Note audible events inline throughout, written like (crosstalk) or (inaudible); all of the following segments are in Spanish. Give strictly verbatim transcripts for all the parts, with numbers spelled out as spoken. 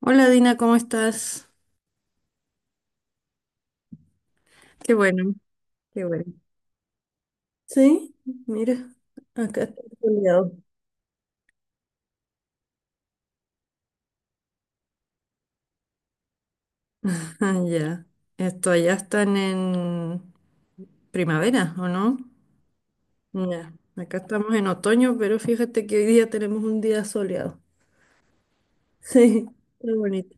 Hola Dina, ¿cómo estás? Qué bueno, qué bueno. Sí, mira, acá está soleado. (laughs) Ah, ya. Esto allá están en primavera, ¿o no? Ya. Acá estamos en otoño, pero fíjate que hoy día tenemos un día soleado. (laughs) Sí, está bonito.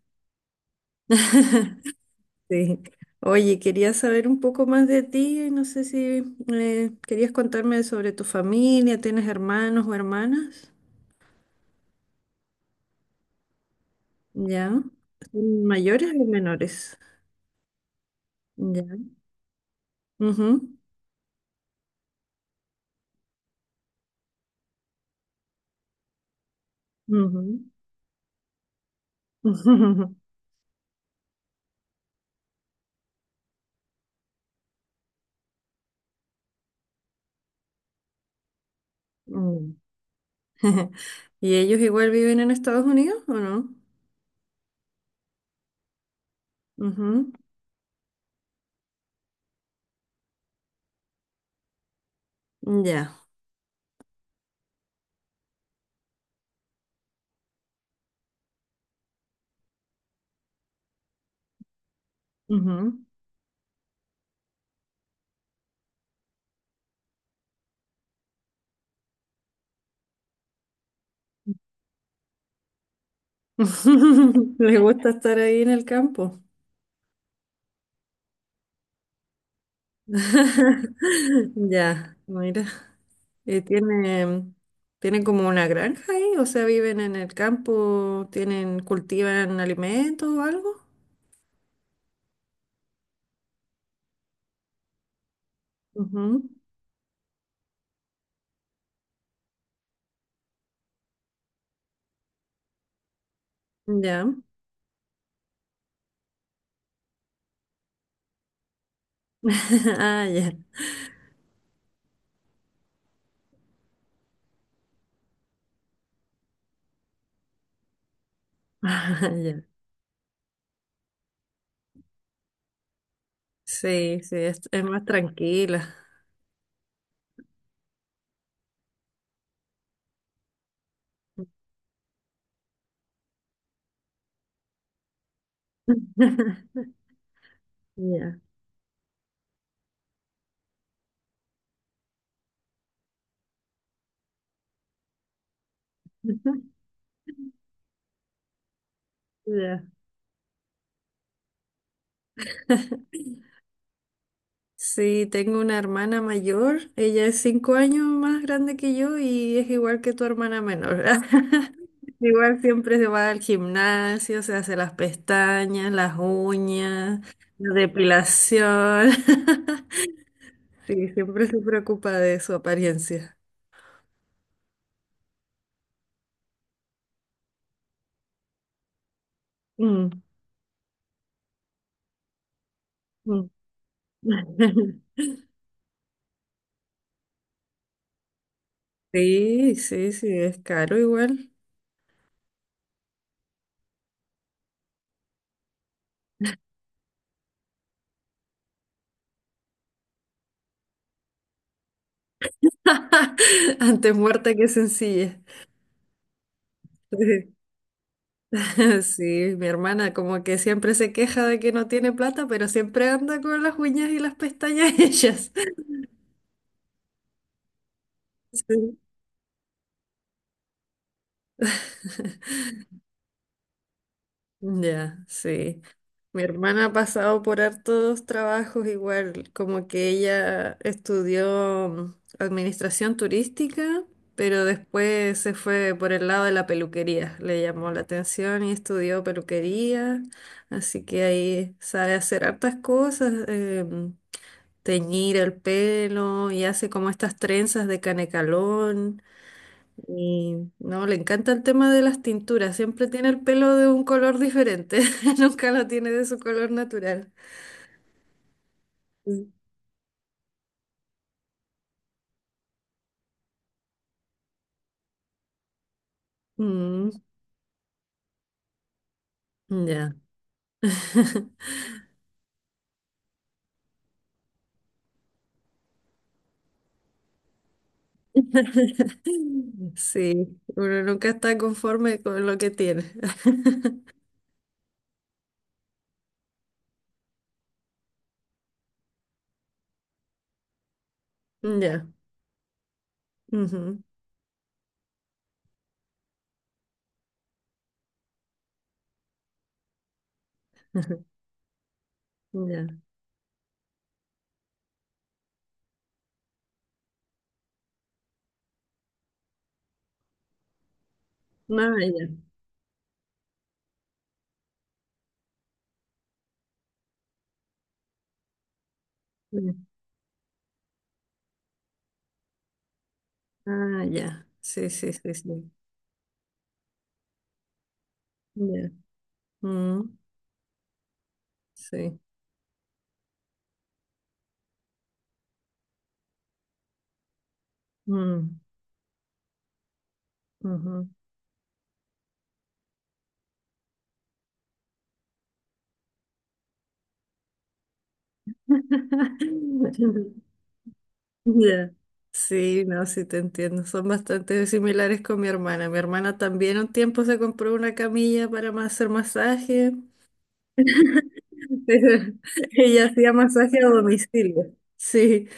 (laughs) Sí. Oye, quería saber un poco más de ti. No sé si eh, querías contarme sobre tu familia. ¿Tienes hermanos o hermanas? Ya. ¿Son mayores o menores? Ujú, ujú. (laughs) Mm. (laughs) ¿Y ellos igual viven en Estados Unidos o no? Ujú, ya. Ujú. (laughs) Les gusta estar ahí en el campo. (laughs) Ya, mira. Y tiene, Tienen como una granja ahí, o sea, viven en el campo, tienen, cultivan alimentos o algo. Ujú, ya. (laughs) Ah, ya. (laughs) Ya. Sí, sí, es, es más tranquila. (laughs) Ya, ya. Sí, tengo una hermana mayor, ella es cinco años más grande que yo y es igual que tu hermana menor. (laughs) Igual siempre se va al gimnasio, se hace las pestañas, las uñas, la depilación. (laughs) Sí, siempre se preocupa de su apariencia. Mm, mm. (laughs) Sí, sí, sí, es caro igual. (laughs) Antes muerta que sencilla. (laughs) (laughs) Sí, mi hermana como que siempre se queja de que no tiene plata, pero siempre anda con las uñas y las pestañas (laughs) hechas. Sí. Ya, sí. Mi hermana ha pasado por hartos trabajos igual, como que ella estudió mm, administración turística, pero después se fue por el lado de la peluquería, le llamó la atención y estudió peluquería, así que ahí sabe hacer hartas cosas. Eh, teñir el pelo y hace como estas trenzas de canecalón y no, le encanta el tema de las tinturas, siempre tiene el pelo de un color diferente, (laughs) nunca lo tiene de su color natural. Sí. Mm, ya. (laughs) Sí, uno nunca está conforme con lo que tiene. (laughs) Ya, ujú, ya. Ah, ya. Mm, ah, ya. Sí, sí, sí, sí. Ya. Mm, sí. Mm. Ujú. (laughs) Ya. Sí, no, sí te entiendo. Son bastante similares con mi hermana. Mi hermana también un tiempo se compró una camilla para ma- hacer masaje, (laughs) pero ella hacía masaje a domicilio. Sí,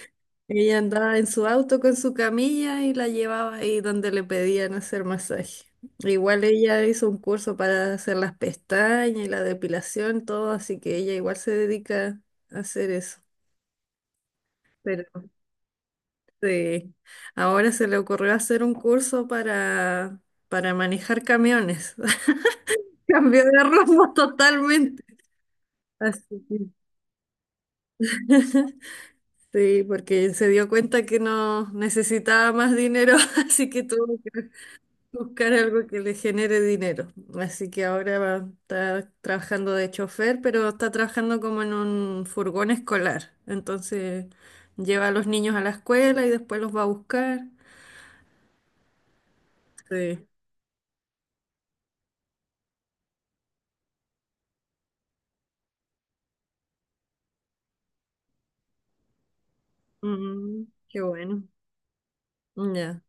ella andaba en su auto con su camilla y la llevaba ahí donde le pedían hacer masaje. Igual ella hizo un curso para hacer las pestañas y la depilación, todo, así que ella igual se dedica a hacer eso. Sí, ahora se le ocurrió hacer un curso para, para, manejar camiones. (laughs) Cambió de rumbo totalmente. Así que- (laughs) Sí, porque se dio cuenta que no necesitaba más dinero, (laughs) así que tuvo que buscar algo que le genere dinero. Así que ahora va- está trabajando de chofer, pero está trabajando como en un furgón escolar. Entonces lleva a los niños a la escuela y después los va a buscar. Sí. Mm, qué bueno. Ya.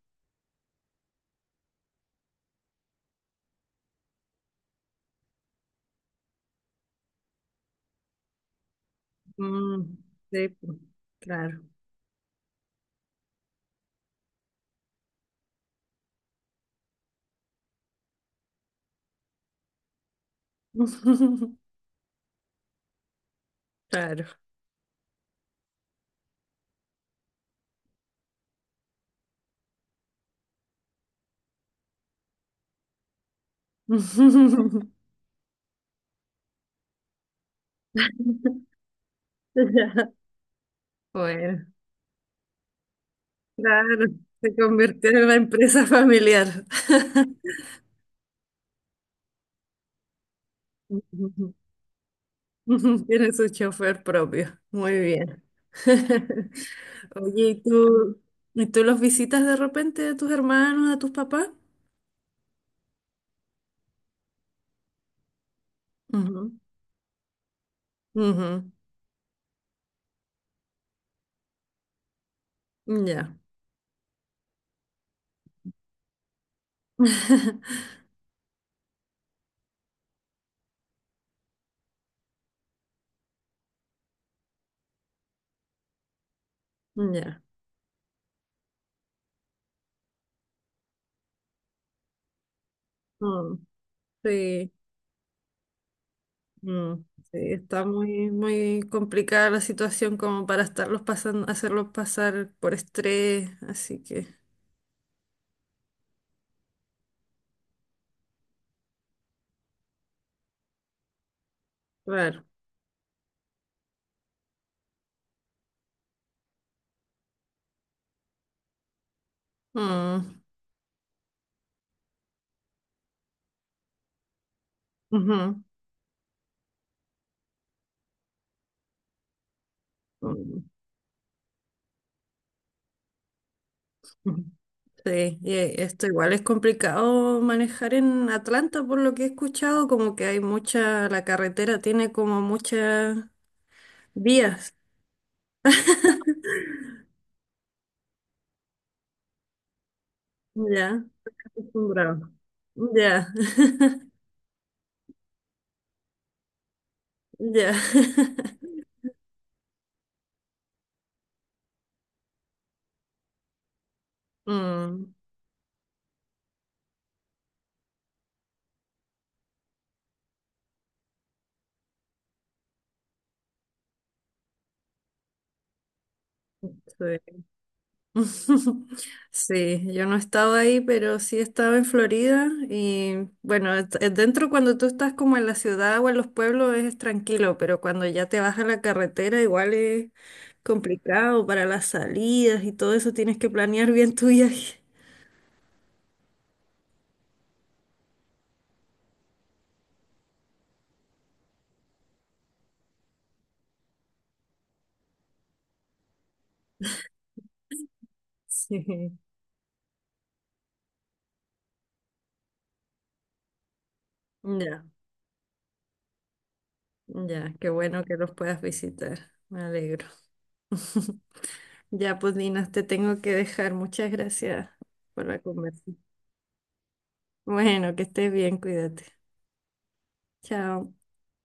Mm, sí, pues, claro. (laughs) Claro. (laughs) Ya. Bueno, claro. Se convirtió en una empresa familiar. (laughs) Tiene su chofer propio. Muy bien. (laughs) Oye, ¿y tú, y tú los visitas de repente a tus hermanos, a tus papás? Ujú, ujú, ya. (laughs) Ya. Mm, sí. Mm, sí, está muy, muy complicada la situación como para estarlos pasando, hacerlos pasar por estrés, así que, claro. Mm, ujú, mm, ujú. Sí, y e- esto igual es complicado manejar en Atlanta, por lo que he escuchado, como que hay mucha, la carretera tiene como muchas vías. (laughs) Ya, acostumbrado. Ya, (laughs) ya. (laughs) Mm, sí. (laughs) Sí, yo no he estado ahí, pero sí he estado en Florida y bueno, es- es dentro cuando tú estás como en la ciudad o en los pueblos es tranquilo, pero cuando ya te vas a la carretera igual es complicado para las salidas y todo eso, tienes que planear bien tu viaje. (laughs) Sí. Ya, ya, qué bueno que los puedas visitar, me alegro. (laughs) Ya, pues Dinas, te tengo que dejar. Muchas gracias por la conversación. Bueno, que estés bien, cuídate. Chao.